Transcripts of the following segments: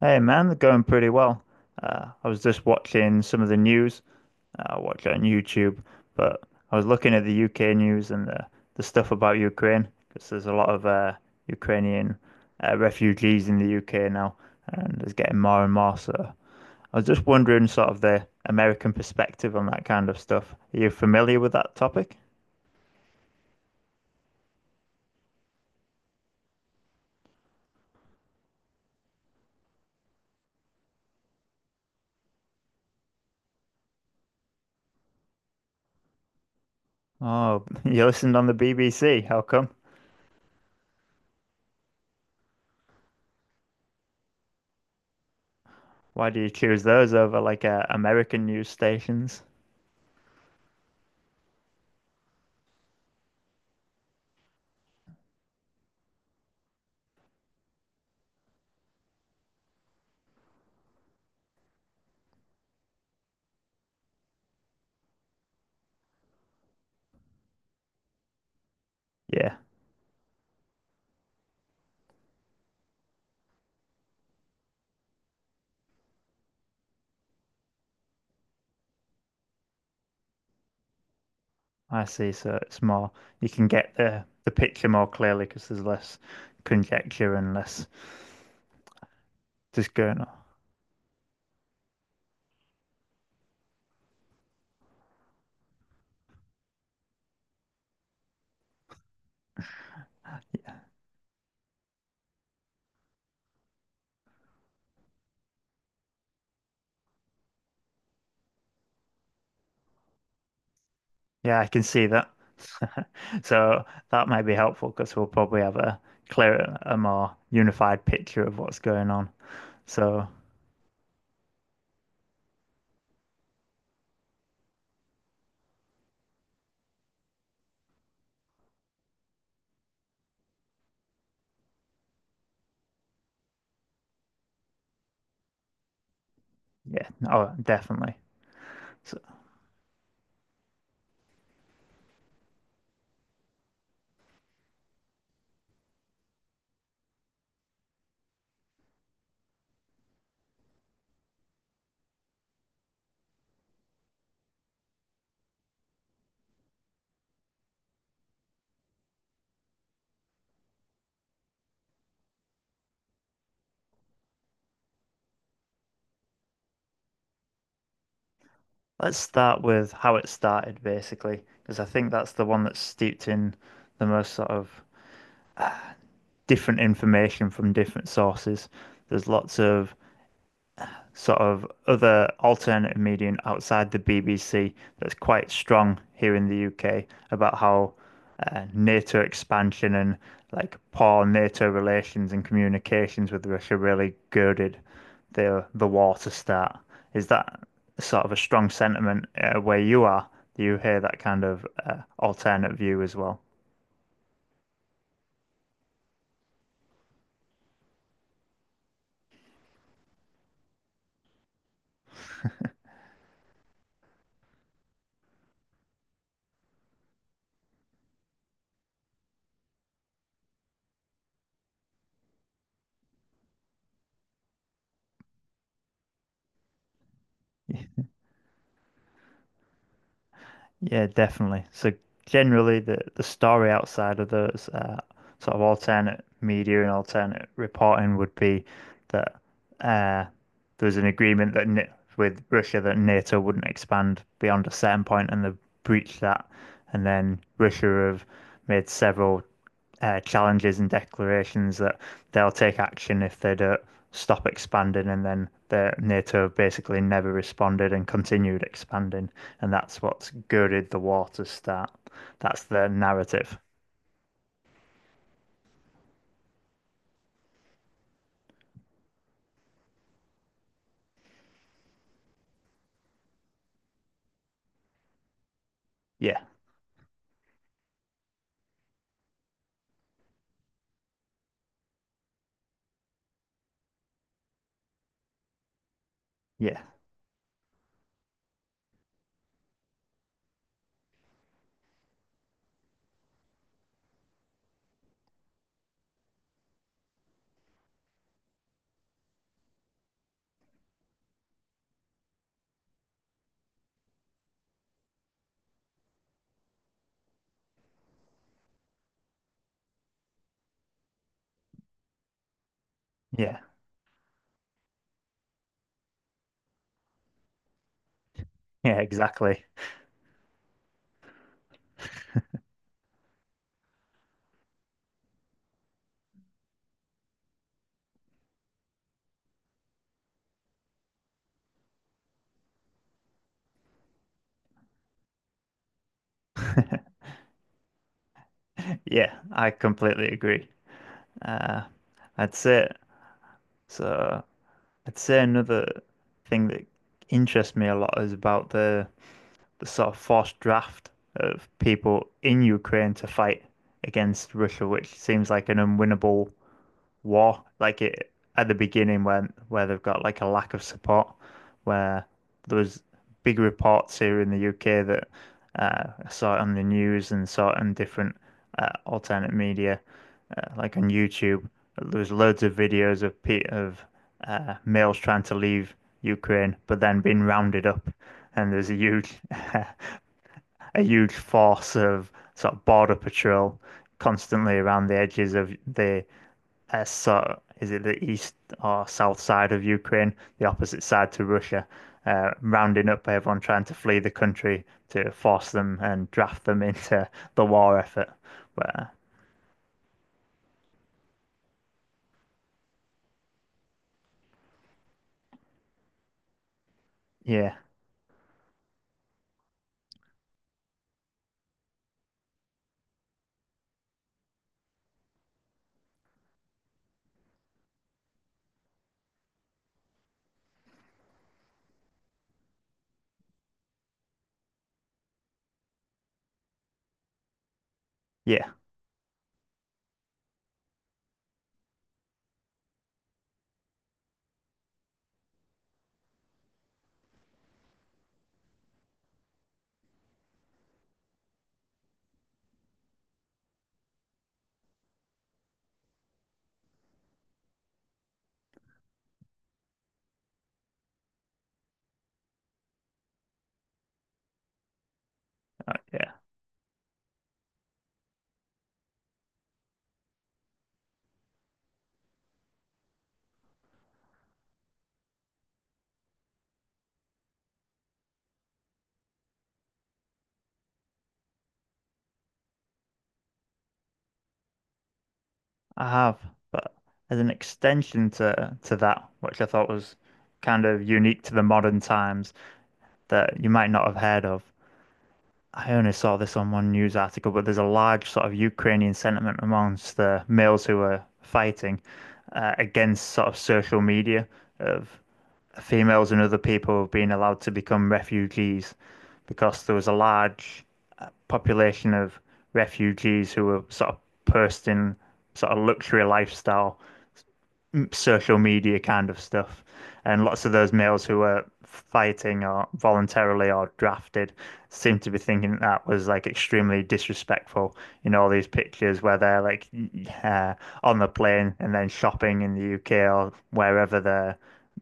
Hey man, they're going pretty well. I was just watching some of the news. I watch it on YouTube, but I was looking at the UK news and the stuff about Ukraine because there's a lot of Ukrainian refugees in the UK now, and there's getting more and more. So I was just wondering, sort of, the American perspective on that kind of stuff. Are you familiar with that topic? Oh, you listened on the BBC. How come? Why do you choose those over like American news stations? Yeah. I see. So it's more you can get the picture more clearly because there's less conjecture and less just going on. Yeah, I can see that. So that might be helpful because we'll probably have a clearer, a more unified picture of what's going on. So yeah, oh, definitely. So let's start with how it started, basically, because I think that's the one that's steeped in the most sort of different information from different sources. There's lots of sort of other alternative medium outside the BBC that's quite strong here in the UK about how NATO expansion and like poor NATO relations and communications with Russia really girded the war to start. Is that sort of a strong sentiment where you are? Do you hear that kind of alternate view as well? Yeah, definitely. So generally, the story outside of those sort of alternate media and alternate reporting would be that uh, there was an agreement that N with Russia that NATO wouldn't expand beyond a certain point, and they breached that, and then Russia have made several challenges and declarations that they'll take action if they don't stop expanding, and then the NATO basically never responded and continued expanding, and that's what's girded the war to start. That's the narrative. Yeah, yeah, yeah, yeah, exactly. Yeah, I completely agree. Uh, I'd say so. I'd say another thing that interests me a lot is about the sort of forced draft of people in Ukraine to fight against Russia, which seems like an unwinnable war. Like it at the beginning when where they've got like a lack of support, where there was big reports here in the UK that I saw it on the news and saw it on different alternate media, like on YouTube. There was loads of videos of males trying to leave Ukraine, but then being rounded up, and there's a huge uh, a huge force of sort of border patrol constantly around the edges of the sort of- is it the east or south side of Ukraine, the opposite side to Russia, rounding up everyone trying to flee the country to force them and draft them into the war effort. But yeah, yeah, yeah, I have. But as an extension to that, which I thought was kind of unique to the modern times that you might not have heard of, I only saw this on one news article, but there's a large sort of Ukrainian sentiment amongst the males who are fighting against sort of social media of females and other people being allowed to become refugees because there was a large population of refugees who were sort of posting sort of luxury lifestyle social media kind of stuff. And lots of those males who were fighting or voluntarily or drafted seem to be thinking that, that was like extremely disrespectful in all these pictures where they're like uh, on the plane and then shopping in the UK or wherever they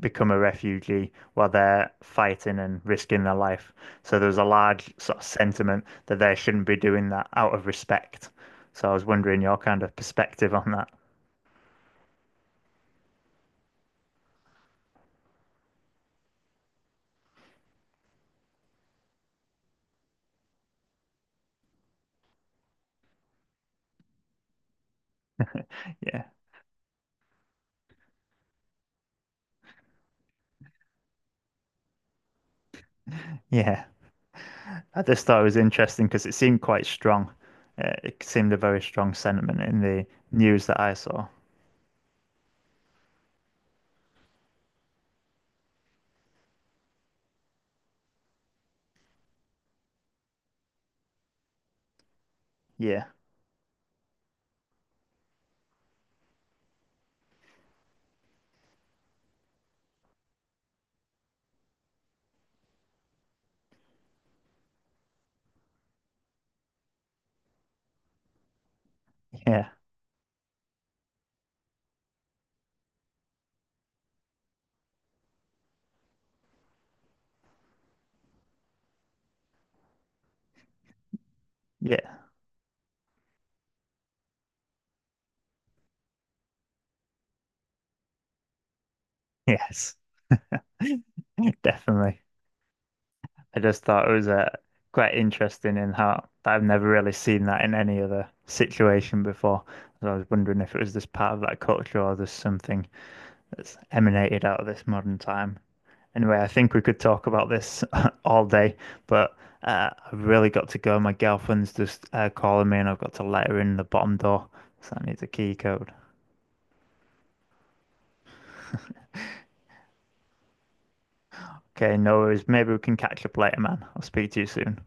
become a refugee while they're fighting and risking their life. So there's a large sort of sentiment that they shouldn't be doing that out of respect. So I was wondering your kind of perspective on that. Yeah. Yeah. I just thought it was interesting because it seemed quite strong. It seemed a very strong sentiment in the news that I saw. Yeah, yeah, yeah, yes, definitely. I just thought it was quite interesting in how I've never really seen that in any other situation before. So I was wondering if it was just part of that culture or there's something that's emanated out of this modern time. Anyway, I think we could talk about this all day, but I've really got to go. My girlfriend's just calling me, and I've got to let her in the bottom door, so I need the key code. Okay, no worries. Maybe we can catch up later, man. I'll speak to you soon.